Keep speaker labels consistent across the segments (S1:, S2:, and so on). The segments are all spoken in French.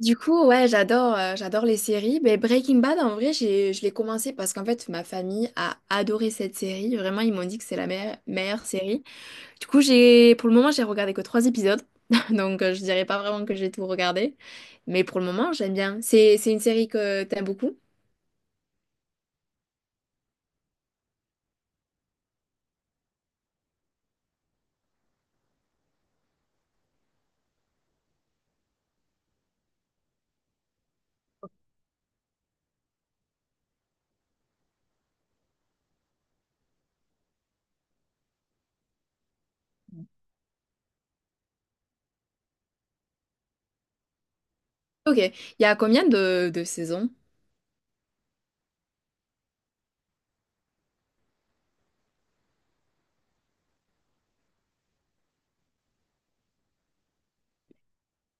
S1: Du coup, ouais, j'adore, j'adore les séries. Mais Breaking Bad, en vrai, je l'ai commencé parce qu'en fait, ma famille a adoré cette série. Vraiment, ils m'ont dit que c'est la meilleure série. Du coup, pour le moment, j'ai regardé que trois épisodes. Donc, je dirais pas vraiment que j'ai tout regardé. Mais pour le moment, j'aime bien. C'est une série que t'aimes beaucoup. Ok. Il y a combien de saisons?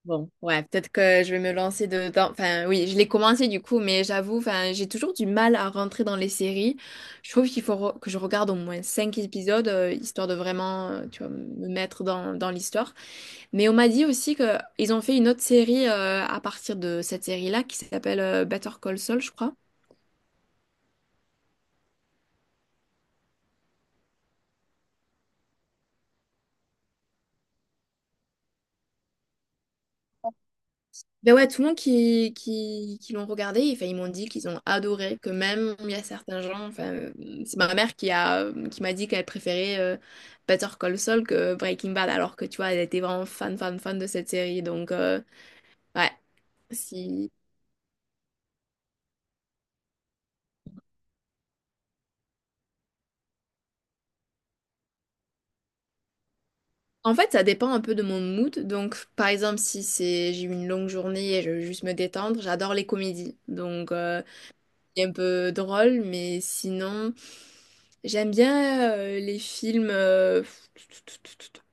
S1: Bon, ouais, peut-être que je vais me lancer dedans. Enfin, oui, je l'ai commencé du coup, mais j'avoue, enfin, j'ai toujours du mal à rentrer dans les séries. Je trouve qu'il faut que je regarde au moins cinq épisodes, histoire de vraiment, tu vois, me mettre dans l'histoire. Mais on m'a dit aussi que ils ont fait une autre série à partir de cette série-là qui s'appelle Better Call Saul, je crois. Ben ouais, tout le monde qui l'ont regardé, enfin, ils m'ont dit qu'ils ont adoré, que même il y a certains gens, enfin, c'est ma mère qui m'a dit qu'elle préférait Better Call Saul que Breaking Bad, alors que tu vois, elle était vraiment fan, fan, fan de cette série. Donc, ouais, si... En fait, ça dépend un peu de mon mood. Donc, par exemple, si c'est j'ai eu une longue journée et je veux juste me détendre, j'adore les comédies. Donc, est un peu drôle, mais sinon, j'aime bien les films.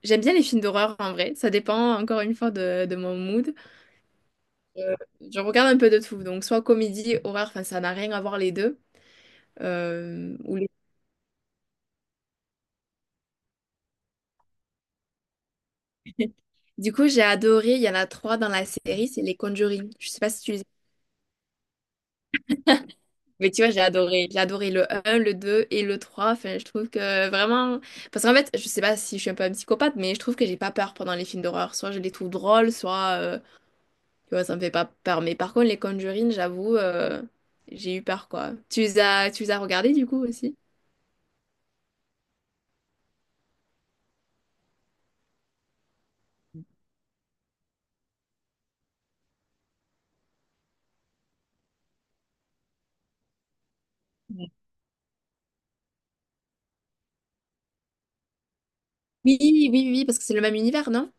S1: J'aime bien les films d'horreur en vrai. Ça dépend encore une fois de mon mood. Euh, je regarde un peu de tout. Donc, soit comédie, horreur, enfin, ça n'a rien à voir les deux. Euh, ou les- Du coup, j'ai adoré. Il y en a trois dans la série, c'est les Conjuring. Je sais pas si tu les... Mais tu vois, j'ai adoré. J'ai adoré le un, le 2 et le trois. Enfin, je trouve que vraiment... Parce qu'en fait, je sais pas si je suis un peu un psychopathe, mais je trouve que j'ai pas peur pendant les films d'horreur. Soit je les trouve drôles, soit... tu vois, ça me fait pas peur. Mais par contre, les Conjuring, j'avoue, j'ai eu peur, quoi. Tu les as regardés, du coup, aussi? Oui, oui, oui, oui, parce que c'est le même univers, non?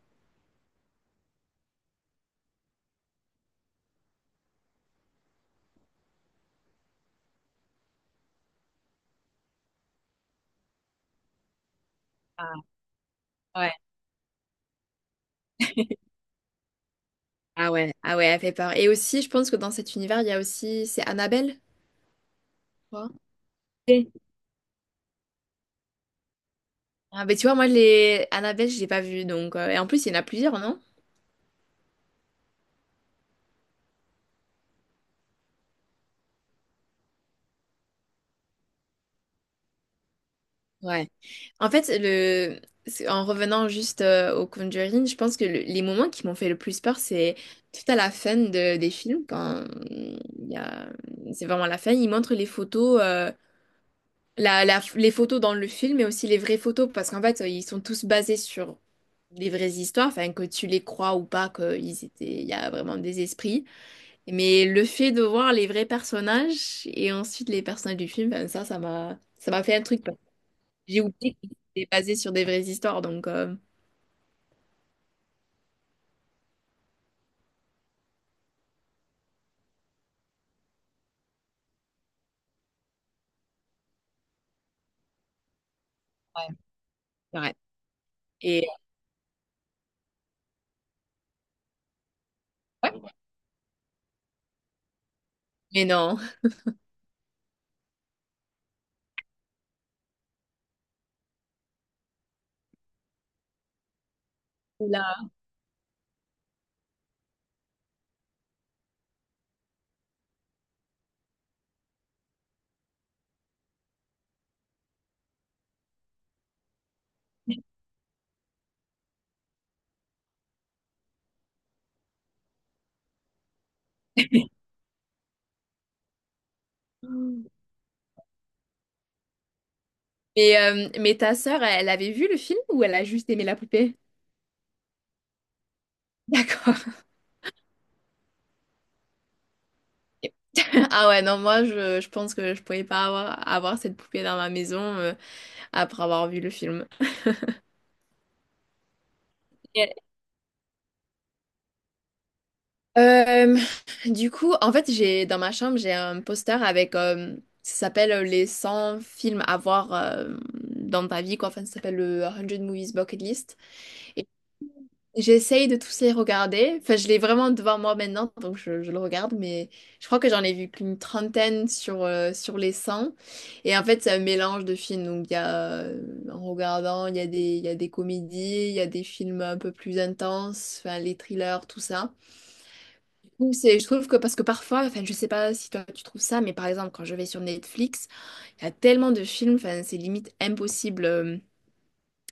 S1: Ouais. Ouais. Ah ouais, elle fait peur. Et aussi, je pense que dans cet univers, il y a aussi... C'est Annabelle, je crois. Oui. Ah, ben tu vois, moi, les... Annabelle, je l'ai pas vue, donc... Et en plus, il y en a plusieurs, non? En fait, en revenant juste au Conjuring, je pense que les moments qui m'ont fait le plus peur, c'est tout à la fin des films, quand il y a... c'est vraiment la fin, ils montrent les photos, les photos dans le film, mais aussi les vraies photos, parce qu'en fait, ils sont tous basés sur des vraies histoires, enfin, que tu les crois ou pas, il y a vraiment des esprits. Mais le fait de voir les vrais personnages et ensuite les personnages du film, ben, ça m'a fait un truc. J'ai oublié qu'il était basé sur des vraies histoires, donc... C'est vrai. Et... Mais non. Là. Mais ta sœur, elle avait vu le film ou elle a juste aimé la poupée? D'accord. Ah ouais, non, moi, je pense que je pouvais pas avoir cette poupée dans ma maison après avoir vu le film. Et- Euh, du coup, en fait, j'ai dans ma chambre, j'ai un poster avec... ça s'appelle les 100 films à voir dans ta vie, quoi. Enfin, ça s'appelle le 100 Movies Bucket List. J'essaye de tous les regarder. Enfin, je l'ai vraiment devant moi maintenant, donc je le regarde, mais je crois que j'en ai vu qu'une trentaine sur les cent. Et en fait, c'est un mélange de films. Donc, en regardant, il y a des comédies, il y a des films un peu plus intenses, enfin, les thrillers, tout ça. Donc, je trouve que parce que parfois, enfin, je sais pas si toi tu trouves ça, mais par exemple, quand je vais sur Netflix, il y a tellement de films, enfin, c'est limite impossible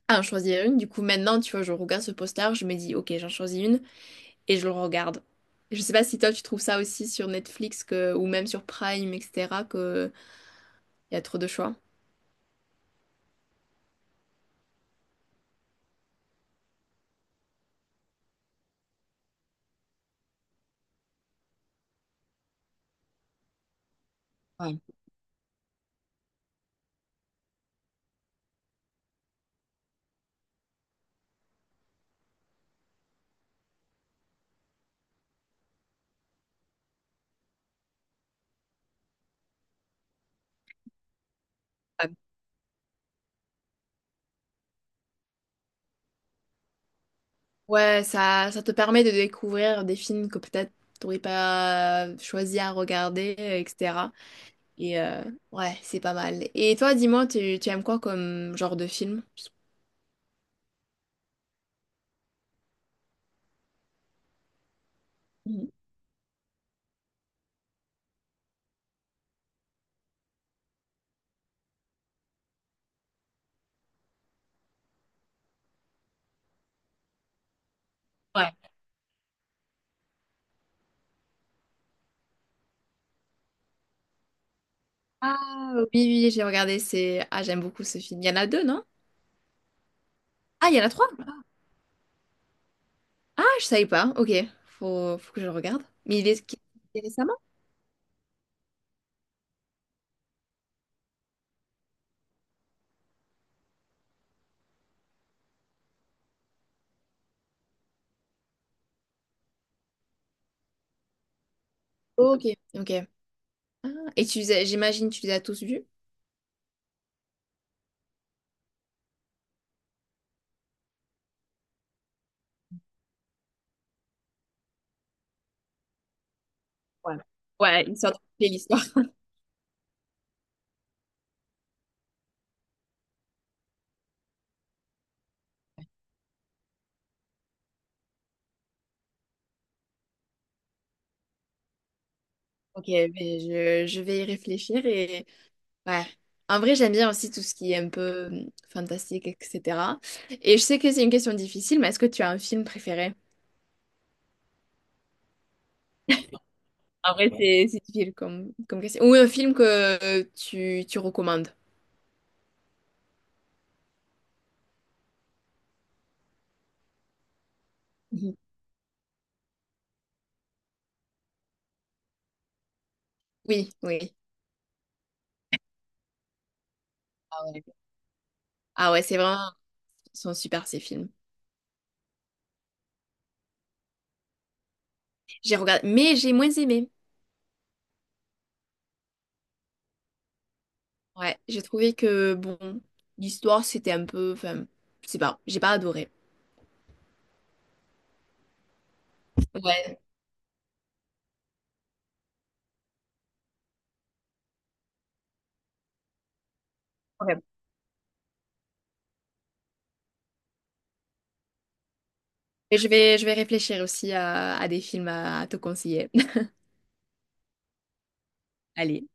S1: à en choisir une. Du coup, maintenant, tu vois, je regarde ce poster, je me dis, ok, j'en choisis une et je le regarde. Je sais pas si toi tu trouves ça aussi sur Netflix que, ou même sur Prime, etc., que il y a trop de choix. Ouais. Ah, ouais, ça te permet de découvrir des films que peut-être t'aurais pas choisi à regarder, etc. Et ouais, c'est pas mal. Et toi, dis-moi, tu aimes quoi comme genre de film? Mhm. Ouais. Ah oui, oui, j'ai regardé, c'est... Ah, j'aime beaucoup ce film. Il y en a deux, non? Ah, il y en a trois? Ah, je savais pas. Ok, faut que je le regarde. Mais il est récemment? Ok, ok. Ah, et j'imagine que tu les as tous vus. Ouais. Ouais, une sorte de l'histoire. Ok, mais je vais y réfléchir et ouais. En vrai, j'aime bien aussi tout ce qui est un peu fantastique, etc. Et je sais que c'est une question difficile, mais est-ce que tu as un film préféré? En vrai, c'est difficile comme question. Ou un film que tu recommandes. Mhm. Oui, oui. Ah ouais. Ah ouais, c'est vraiment, ils sont super ces films. J'ai regardé, mais j'ai moins aimé. Ouais, j'ai trouvé que, bon, l'histoire, c'était un peu... Enfin, je sais pas, j'ai pas adoré. Ouais. Ouais. Et je vais réfléchir aussi à des films à te conseiller. Allez.